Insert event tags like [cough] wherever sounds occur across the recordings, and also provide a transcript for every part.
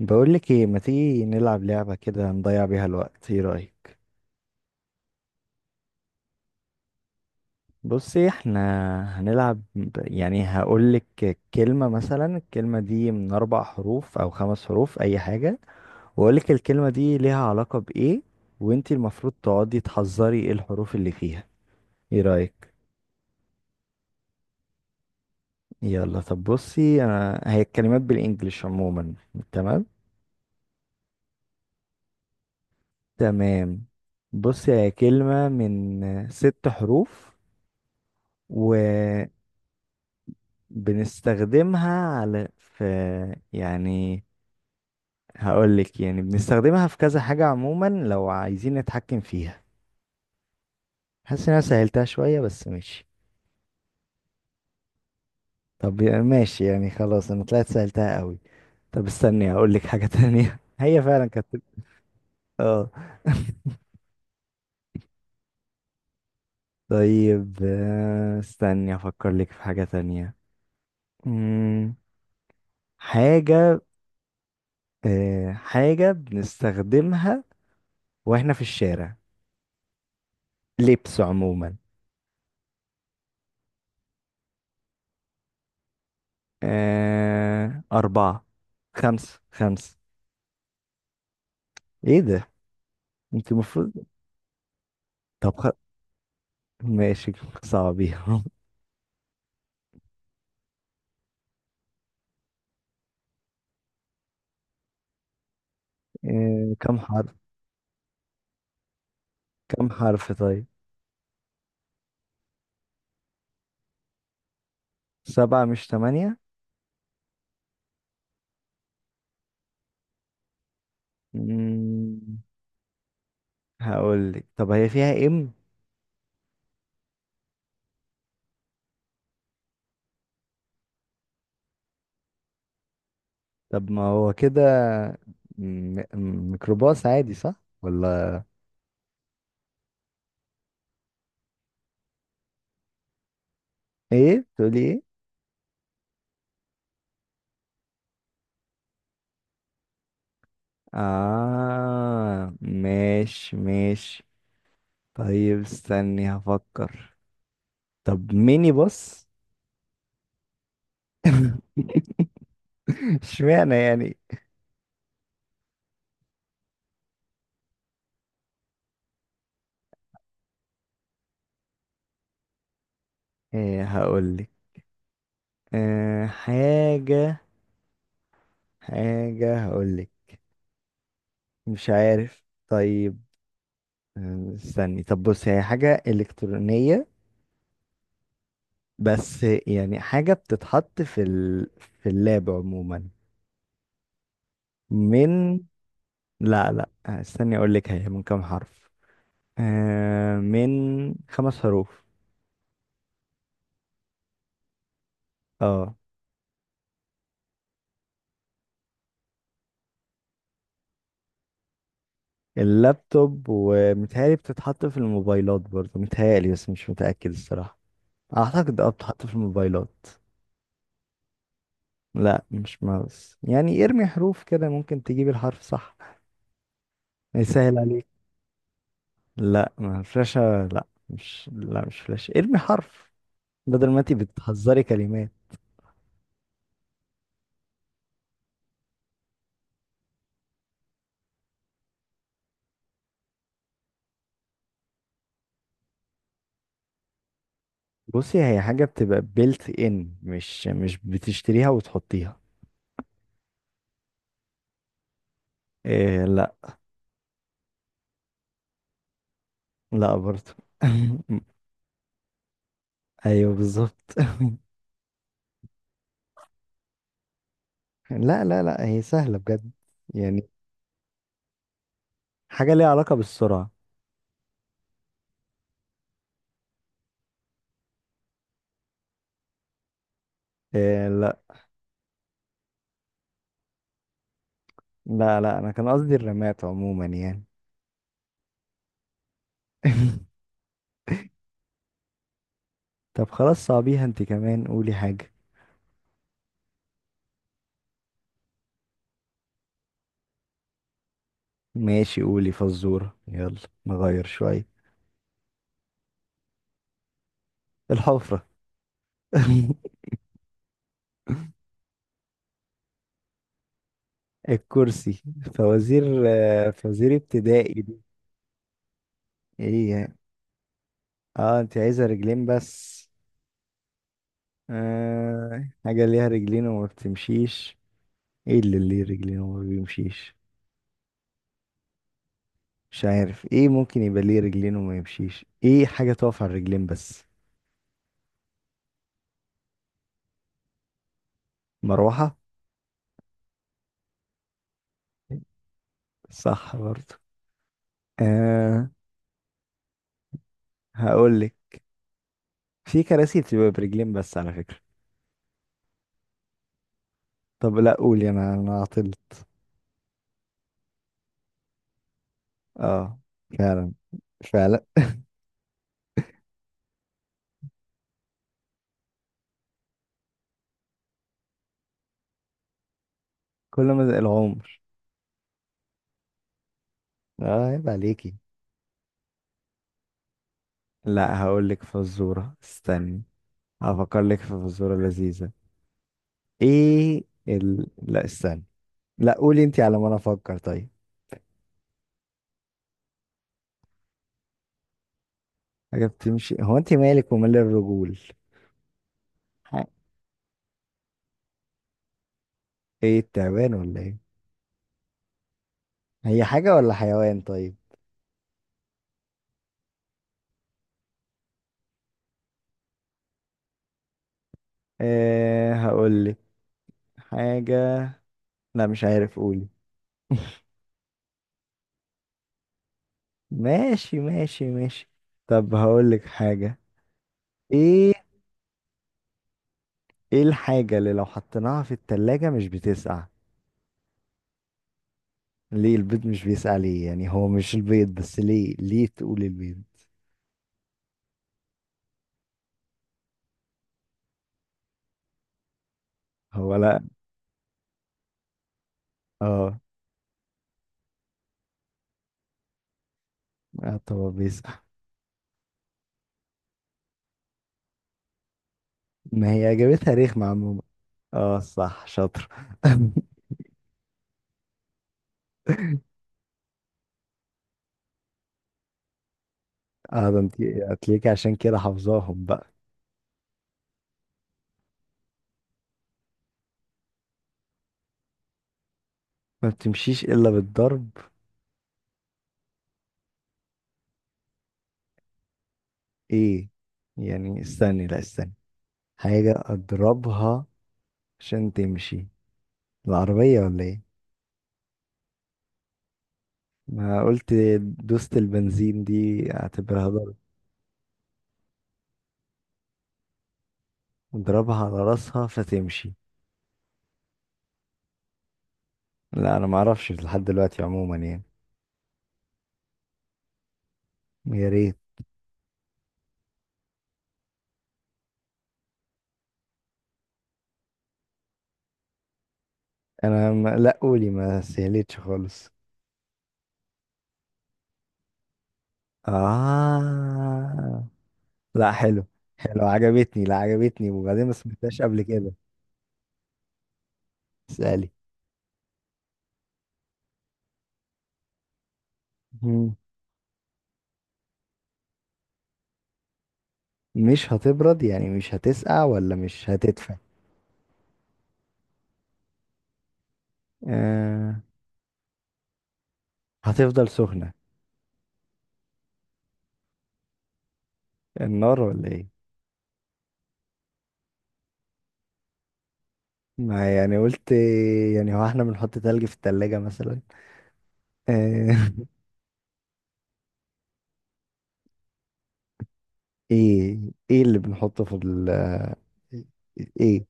بقول لك ايه، ما تيجي نلعب لعبة كده نضيع بيها الوقت؟ ايه رأيك؟ بصي، احنا هنلعب يعني هقول لك كلمة، مثلا الكلمة دي من اربع حروف او خمس حروف، اي حاجة. واقول لك الكلمة دي ليها علاقة بايه، وانتي المفروض تقعدي تحذري ايه الحروف اللي فيها. ايه رأيك؟ يلا، طب بصي، انا هي الكلمات بالانجلش عموما. تمام. تمام، بصي هي كلمة من ست حروف، و بنستخدمها على في يعني هقول لك، يعني بنستخدمها في كذا حاجة عموما لو عايزين نتحكم فيها. حاسس ان انا سهلتها شوية، بس ماشي. طب ماشي يعني، خلاص انا طلعت سهلتها قوي. طب استني هقول لك حاجة تانية. [laughs] هي فعلا كانت، اه. [laughs] طيب، استني افكر لك في حاجة تانية. مم، حاجة حاجة بنستخدمها واحنا في الشارع، لبس عموما. أربعة، خمسة خمسة. إيه ده؟ أنت المفروض. طب خ... ماشي، صعبيها. [laughs] كم حرف؟ كم حرف طيب؟ سبعة مش تمانية؟ مم... هقول لك، طب هي فيها إم؟ طب ما هو كده. ميكروباص عادي، صح؟ ولا إيه؟ تقولي إيه؟ آه، ماشي ماشي. طيب استني هفكر. طب ميني باص. [laughs] اشمعنى يعني. ايه هقولك، أه حاجة حاجة هقولك. مش عارف طيب. استني، طب بص، هي حاجة إلكترونية. بس يعني حاجة بتتحط في اللاب عموما، من. لا لا، استني أقولك هي من كام حرف. أه، من خمس حروف. اه. اللابتوب، ومتهيألي بتتحط في الموبايلات برضه، متهيألي، بس مش متأكد الصراحة. أعتقد اه بتتحط في الموبايلات. لا، مش ماوس، يعني ارمي حروف كده ممكن تجيب الحرف صح، يسهل عليك. لا، ما فلاشة. لا مش فلاشة. ارمي حرف بدل ما انتي بتحذري كلمات. بصي، هي حاجة بتبقى بيلت ان، مش بتشتريها وتحطيها. إيه؟ لا. لا برضه. [laughs] ايوه بالظبط. [laughs] لا لا لا، هي سهلة بجد، يعني. حاجة ليها علاقة بالسرعة. إيه؟ لا. لا لا، انا كان قصدي الرمات عموما يعني. [laughs] طب خلاص، صعبيها انت كمان، قولي حاجة. ماشي، قولي فزورة يلا، نغير شوية. الحفرة. [laughs] الكرسي. فوازير، ابتدائي دي. ايه يعني؟ اه، انت عايزة رجلين بس. حاجة ليها رجلين وما بتمشيش. ايه اللي ليه رجلين وما بيمشيش؟ مش عارف، ايه ممكن يبقى ليه رجلين وما يمشيش، ايه حاجة تقف على الرجلين بس؟ مروحة. صح برضه. آه، هقولك، في كراسي بتبقى برجلين بس على فكرة. طب لا، قولي، انا عطلت. اه، فعلا، فعلا. كل ما العمر. اه، عيب عليكي. لا، هقول لك فزورة، استني. هفكر لك في فزورة لذيذة. لا استني، لا قولي انت على ما انا افكر طيب. حاجة بتمشي، هو انت مالك ومال الرجول. ح- ايه، التعبان ولا ايه؟ هي حاجة ولا حيوان طيب؟ ايه هقول لك حاجة. لا مش عارف، قولي. ماشي ماشي ماشي. طب هقول لك حاجة. ايه ايه الحاجة اللي لو حطيناها في التلاجة مش بتسقع؟ ليه البيض مش بيسقع؟ ليه يعني؟ هو مش البيض بس، ليه ليه تقول البيض؟ هو لا. اه. آه، طب هو بيسقع. ما هي اجابتها رخمة عموما. اه، صح، شاطر. [laughs] اه، ده انت هتلاقيكي عشان كده حافظاهم بقى. ما بتمشيش الا بالضرب. ايه يعني؟ استني، لا استني، حاجة اضربها عشان تمشي؟ العربية ولا ايه؟ ما قلت، دوست البنزين دي اعتبرها ضرب. اضربها على راسها فتمشي؟ لا، انا ما اعرفش لحد دلوقتي عموما يعني. يا ريت. انا ما... لا قولي، ما سهلتش خالص. آه، لا، حلو. حلو، عجبتني، لا عجبتني، وبعدين ما سمعتهاش قبل كده. اسألي. مم. مش هتبرد، يعني مش هتسقع ولا مش هتدفى؟ آه. هتفضل سخنة. النار ولا ايه؟ ما يعني قلت، يعني هو احنا بنحط تلج في التلاجة مثلا. آه. [laughs] ايه ايه اللي بنحطه في ايه.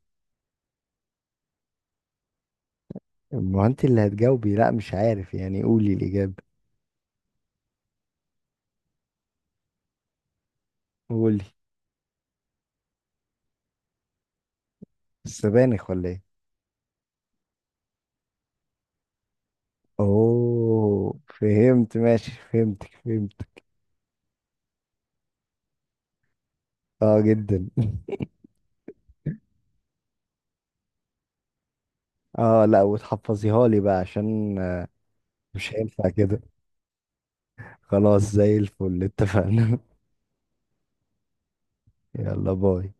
ما انت اللي هتجاوبي، لا مش عارف يعني، قولي الاجابه. قولي. السبانخ ولا ايه؟ اوه، فهمت، ماشي، فهمتك، فهمت. اه، جدا. [laughs] اه، لا، وتحفظيها لي بقى، عشان مش هينفع كده. خلاص، زي الفل، اتفقنا. [laughs] يلا، باي.